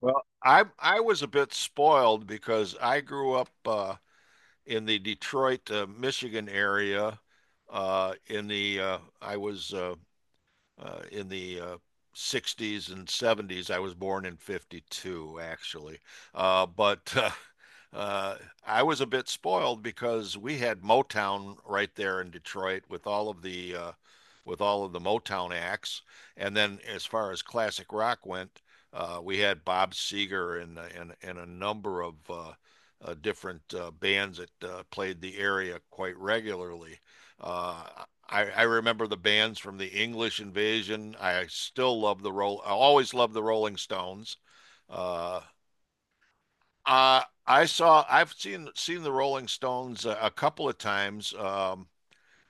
Well, I was a bit spoiled because I grew up in the Detroit, Michigan area. In the I was in the 60s and 70s. I was born in 52, actually. But uh, I was a bit spoiled because we had Motown right there in Detroit with all of the with all of the Motown acts. And then as far as classic rock went, we had Bob Seger and a number of different bands that played the area quite regularly. I remember the bands from the English Invasion. I still love the roll. I always love the Rolling Stones. Uh, I saw. I've seen the Rolling Stones a couple of times. Um,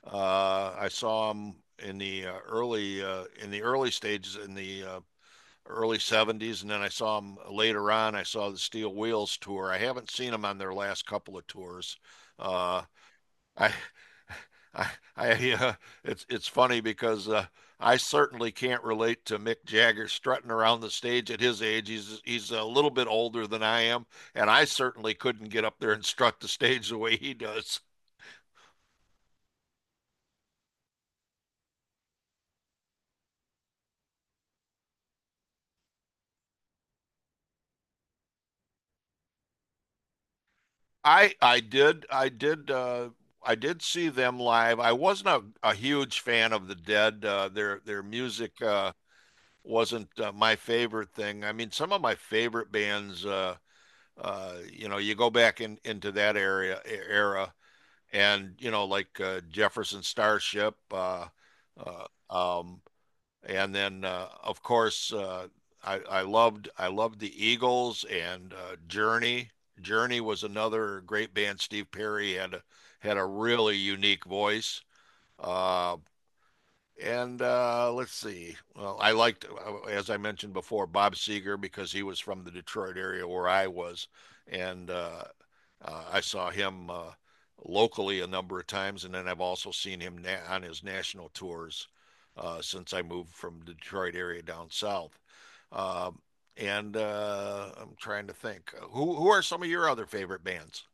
uh, I saw them in the early in the early stages in the early 70s, and then I saw them later on. I saw the Steel Wheels tour. I haven't seen them on their last couple of tours. Uh, I, I, I, it's funny because I certainly can't relate to Mick Jagger strutting around the stage at his age. He's a little bit older than I am, and I certainly couldn't get up there and strut the stage the way he does. I I did I did uh, I did see them live. I wasn't a huge fan of the Dead. Their music wasn't my favorite thing. I mean, some of my favorite bands. You go back in into that era, and you know, like Jefferson Starship, uh, um, and then of course I loved the Eagles and Journey. Journey was another great band. Steve Perry had had a really unique voice. Uh, and let's see. Well, I liked, as I mentioned before, Bob Seger because he was from the Detroit area where I was, and I saw him locally a number of times, and then I've also seen him on his national tours since I moved from the Detroit area down south. Um, and I'm trying to think, who are some of your other favorite bands?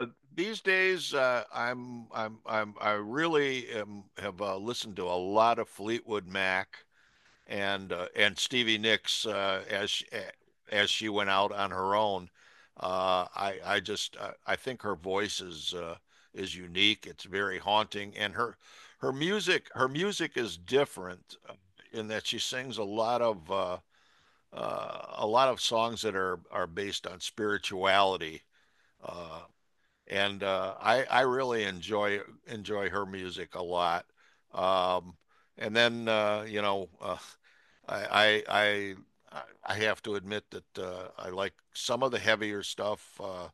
Uh, These days, I really am, have listened to a lot of Fleetwood Mac and Stevie Nicks as she went out on her own. I think her voice is unique. It's very haunting, and her music her music is different in that she sings a lot of songs that are based on spirituality. Uh, and I really enjoy her music a lot. Um, and then you know I, I I have to admit that I like some of the heavier stuff,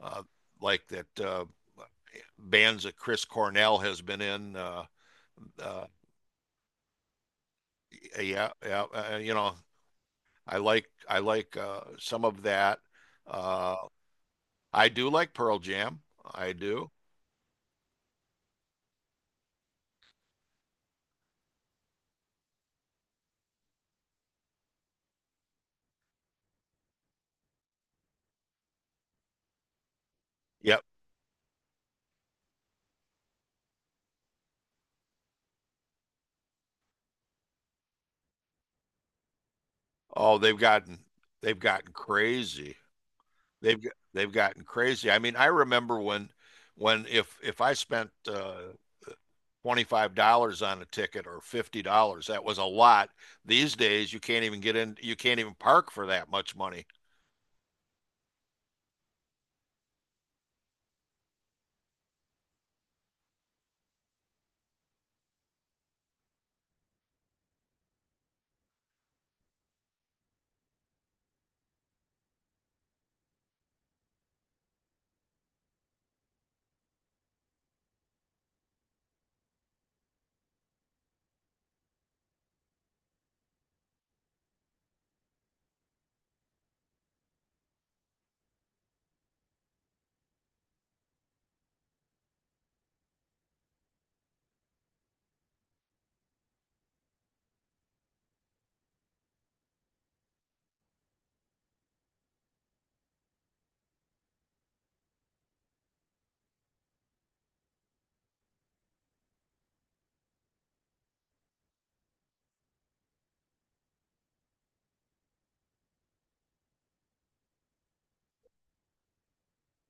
uh, like that bands that Chris Cornell has been in. Uh, yeah, yeah, you know I like some of that. Uh, I do like Pearl Jam. I do. Yeah. Oh, they've gotten crazy. They've gotten crazy. I mean, I remember when if I spent $25 on a ticket or $50, that was a lot. These days you can't even get in. You can't even park for that much money.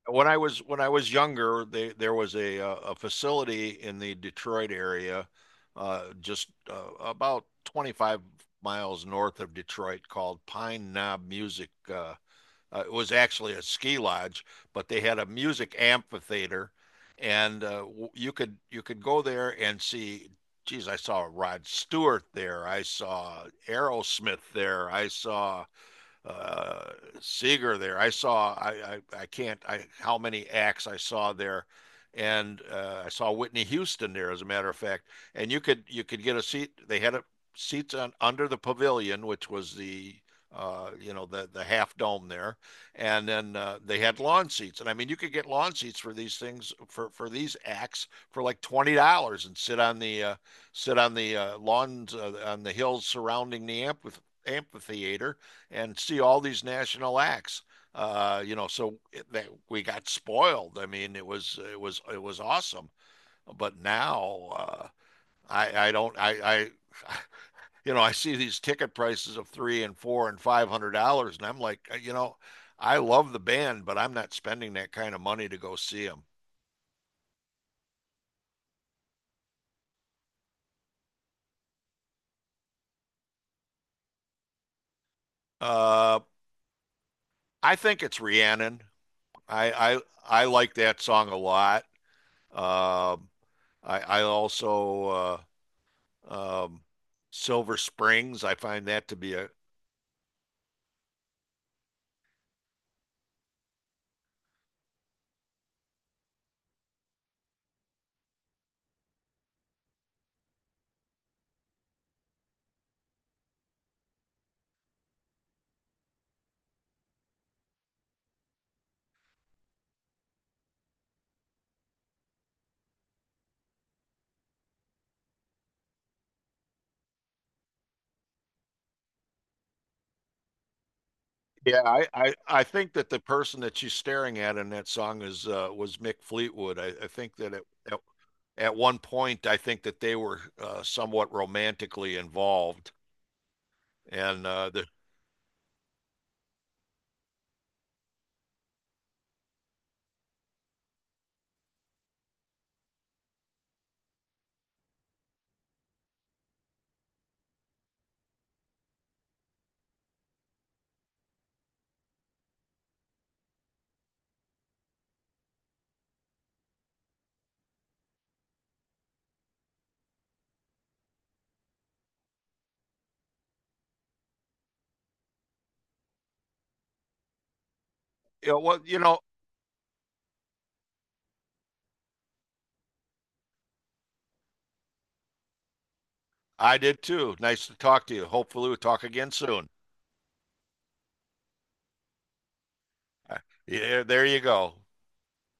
When I was younger, they, there was a facility in the Detroit area just about 25 miles north of Detroit called Pine Knob Music. Uh, it was actually a ski lodge, but they had a music amphitheater, and you could go there and see. Geez, I saw Rod Stewart there. I saw Aerosmith there. I saw uh, Seeger there. I saw I can't I how many acts I saw there, and I saw Whitney Houston there as a matter of fact. And you could get a seat. They had a, seats on under the pavilion, which was the you know the half dome there, and then they had lawn seats. And I mean, you could get lawn seats for these things for these acts for like $20 and sit on the lawns on the hills surrounding the amphitheater and see all these national acts. You know, so it, that we got spoiled. I mean, it was it was awesome. But now I don't I you know I see these ticket prices of three and four and five hundred dollars, and I'm like, you know, I love the band, but I'm not spending that kind of money to go see them. Uh, I think it's Rhiannon. I I I like that song a lot. Um, I also um, Silver Springs. I find that to be a. Yeah, I think that the person that she's staring at in that song is was Mick Fleetwood. I think that at, at at one point I think that they were somewhat romantically involved, and the you know, well, you know I did too. Nice to talk to you. Hopefully we'll talk again soon. Uh, Yeah, there you go.